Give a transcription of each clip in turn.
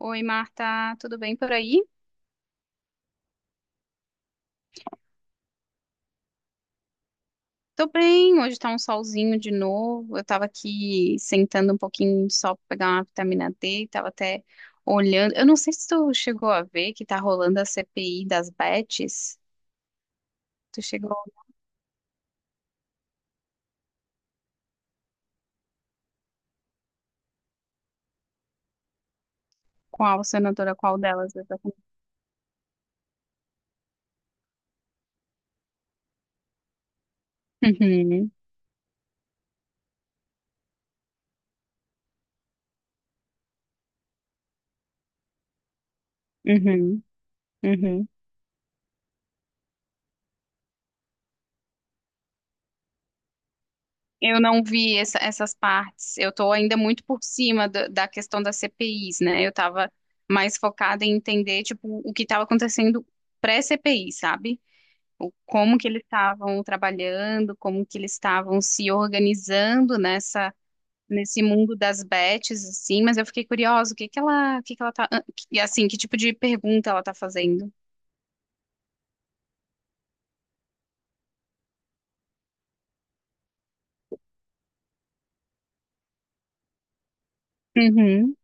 Oi, Marta, tudo bem por aí? Tô bem, hoje tá um solzinho de novo. Eu tava aqui sentando um pouquinho de sol pra pegar uma vitamina D, tava até olhando. Eu não sei se tu chegou a ver que tá rolando a CPI das bets. Tu chegou qual, senadora, qual delas, exatamente? Uhum, uhum, uhum. Eu não vi essas partes. Eu tô ainda muito por cima da questão das CPIs, né? Eu tava mais focada em entender, tipo, o que estava acontecendo pré-CPI, sabe? Como que eles estavam trabalhando, como que eles estavam se organizando nessa nesse mundo das bets assim, mas eu fiquei curiosa, o que que ela tá, e assim, que tipo de pergunta ela tá fazendo? Uhum,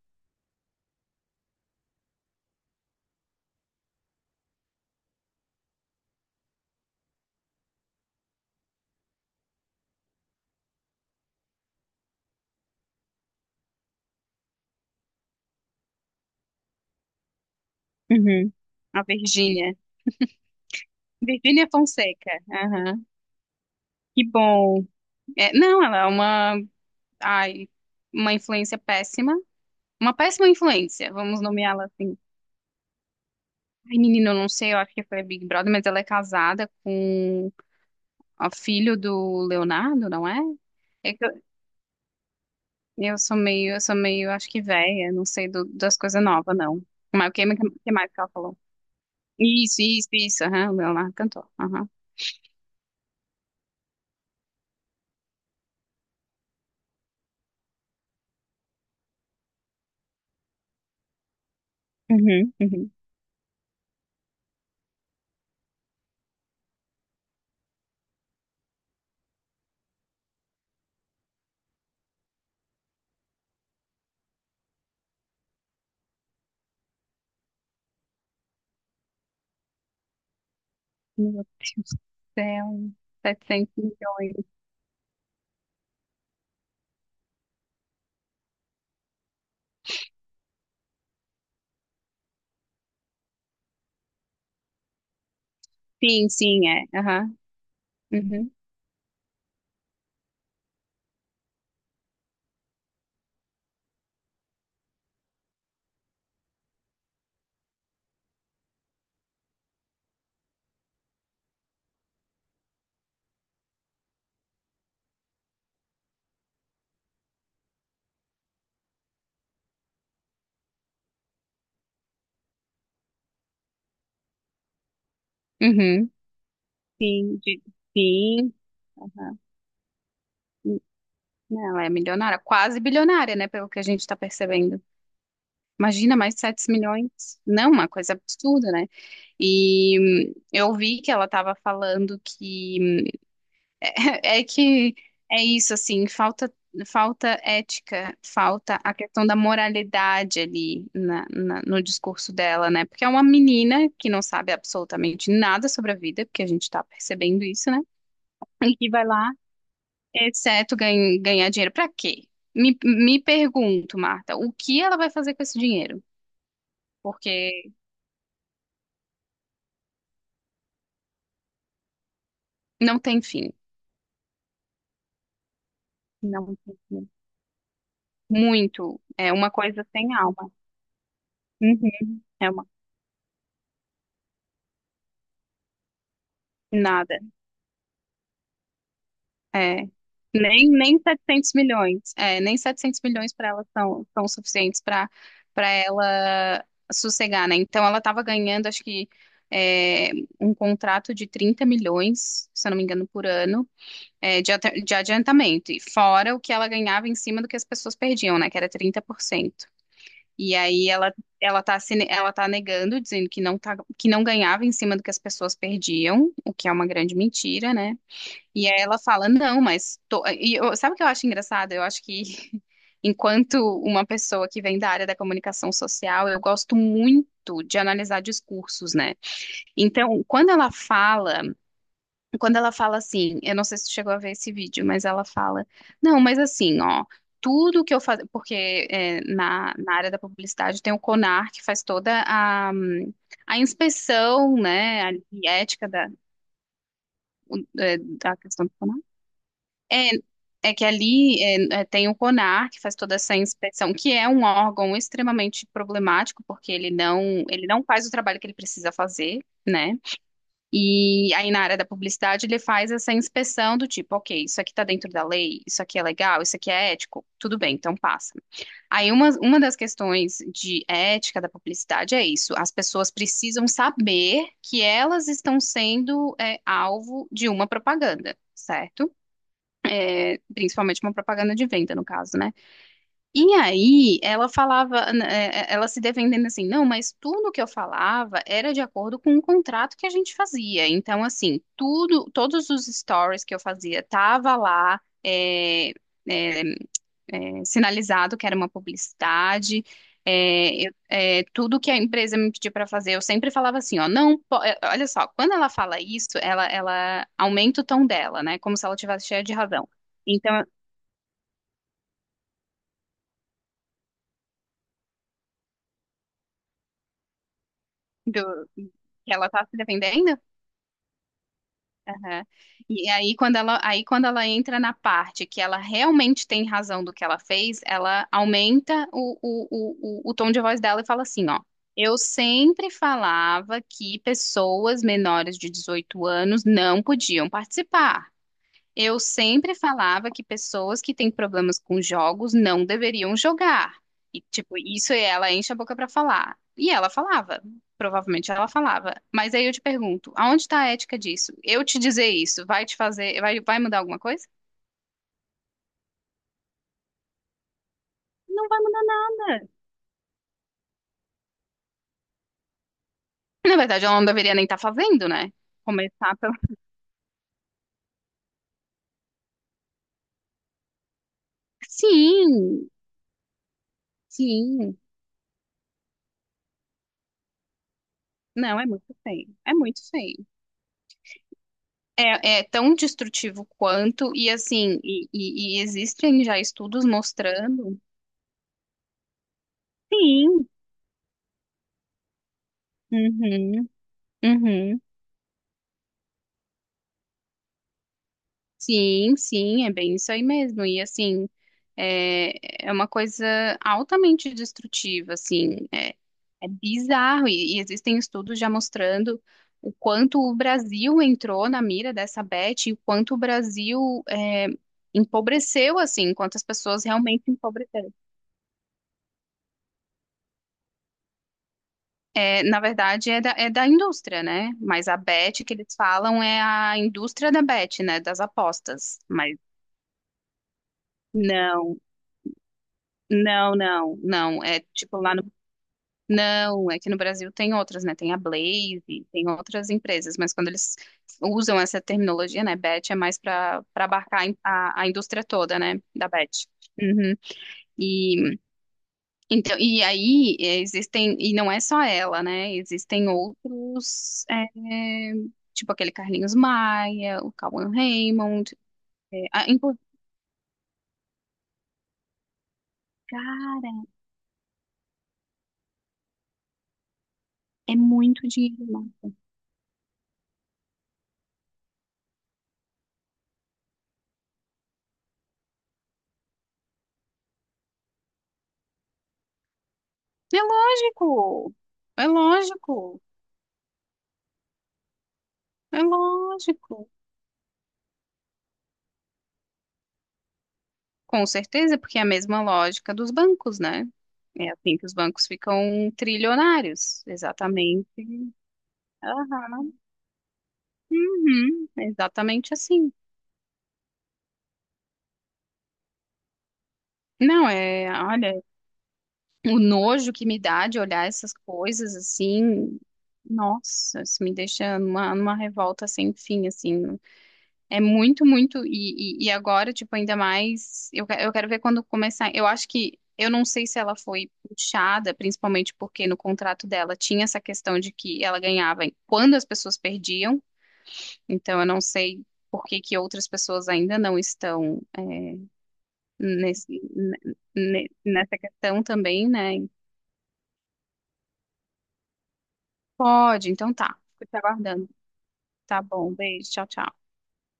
uhum. A Virgínia. Virgínia Fonseca. Aham. Que bom. É, não, ela é ai, uma influência péssima. Uma péssima influência, vamos nomeá-la assim. Ai, menino, eu não sei, eu acho que foi a Big Brother, mas ela é casada com ó, filho do Leonardo, não é? É que eu sou meio, acho que velha, não sei das coisas novas, não. Mas o que mais que ela falou? Isso, aham, o Leonardo cantou. Aham. Uhum, uhum. Meu Deus do céu, 700 milhões. Sim, sim, é. Aham. Uhum. Uhum. Sim, sim. Aham. Não, ela é milionária, quase bilionária, né? Pelo que a gente tá percebendo. Imagina mais 7 milhões. Não, uma coisa absurda, né? E eu vi que ela estava falando que é que é isso assim, falta ética, falta a questão da moralidade ali no discurso dela, né? Porque é uma menina que não sabe absolutamente nada sobre a vida, porque a gente está percebendo isso, né? E que vai lá, exceto ganhar dinheiro, para quê? Me pergunto, Marta, o que ela vai fazer com esse dinheiro? Porque não tem fim. Não tem fim. Muito. É uma coisa sem alma. Uhum. É uma nada. É. Nem 700 milhões. É, nem 700 milhões para ela são suficientes para ela sossegar, né? Então ela estava ganhando, acho que é, um contrato de 30 milhões, se eu não me engano, por ano, de adiantamento. E fora o que ela ganhava em cima do que as pessoas perdiam, né? Que era 30%. E aí ela tá negando, dizendo que não tá, que não ganhava em cima do que as pessoas perdiam, o que é uma grande mentira, né? E aí ela fala, não, mas tô. Sabe o que eu acho engraçado? Eu acho que enquanto uma pessoa que vem da área da comunicação social, eu gosto muito de analisar discursos, né? Então, quando ela fala assim, eu não sei se tu chegou a ver esse vídeo, mas ela fala, não, mas assim, ó, tudo que eu faço, na área da publicidade tem o CONAR que faz toda a inspeção, né, a ética da questão do CONAR. É, é que ali tem o CONAR, que faz toda essa inspeção, que é um órgão extremamente problemático, porque ele não faz o trabalho que ele precisa fazer, né? E aí na área da publicidade ele faz essa inspeção do tipo, ok, isso aqui tá dentro da lei, isso aqui é legal, isso aqui é ético, tudo bem, então passa. Aí uma das questões de ética da publicidade é isso, as pessoas precisam saber que elas estão sendo alvo de uma propaganda, certo? Principalmente uma propaganda de venda, no caso, né? E aí ela falava, né, ela se defendendo assim, não, mas tudo que eu falava era de acordo com o contrato que a gente fazia. Então, assim, tudo, todos os stories que eu fazia tava lá, é, sinalizado que era uma publicidade. Tudo que a empresa me pedia para fazer, eu sempre falava assim, ó, não, olha só, quando ela fala isso, ela aumenta o tom dela, né? Como se ela tivesse cheia de razão. Então que ela tá se defendendo? Aham. E aí quando ela entra na parte que ela realmente tem razão do que ela fez, ela aumenta o tom de voz dela e fala assim, ó. Eu sempre falava que pessoas menores de 18 anos não podiam participar. Eu sempre falava que pessoas que têm problemas com jogos não deveriam jogar. E, tipo, isso ela enche a boca pra falar. E ela falava. Provavelmente ela falava. Mas aí eu te pergunto, aonde tá a ética disso? Eu te dizer isso, vai te fazer, vai mudar alguma coisa? Não vai mudar nada. Na verdade, ela não deveria nem estar fazendo, né? Começar pelo. Sim, sim. Não, é muito feio. É muito feio. É tão destrutivo quanto, e assim, e existem já estudos mostrando. Sim. Uhum, uhum. Sim, sim, é bem isso aí mesmo. E assim, é uma coisa altamente destrutiva, assim, é bizarro. E existem estudos já mostrando o quanto o Brasil entrou na mira dessa Beth e o quanto o Brasil empobreceu, assim, quantas pessoas realmente empobreceram. É, na verdade, é da indústria, né? Mas a bet que eles falam é a indústria da bet, né? Das apostas. Mas não, não, não, não. É tipo lá no. Não, é que no Brasil tem outras, né? Tem a Blaze, tem outras empresas, mas quando eles usam essa terminologia, né? Bet é mais para abarcar a indústria toda, né? Da bet. Uhum. E Então, e aí é, existem, e não é só ela, né? Existem outros, tipo aquele Carlinhos Maia, o Cauan Raymond. É, cara, é muito dinheiro, Marta. É lógico, é lógico, é lógico. Com certeza, porque é a mesma lógica dos bancos, né? É assim que os bancos ficam trilionários, exatamente. Aham. Uhum, exatamente assim. Não, olha. O nojo que me dá de olhar essas coisas assim, nossa, isso me deixa numa revolta sem fim, assim. É muito, muito. E agora, tipo, ainda mais. Eu quero ver quando começar. Eu acho que. Eu não sei se ela foi puxada, principalmente porque no contrato dela tinha essa questão de que ela ganhava quando as pessoas perdiam. Então, eu não sei por que que outras pessoas ainda não estão, nesse, nessa questão também, né? Pode, então tá. Fico te aguardando. Tá bom, beijo, tchau, tchau.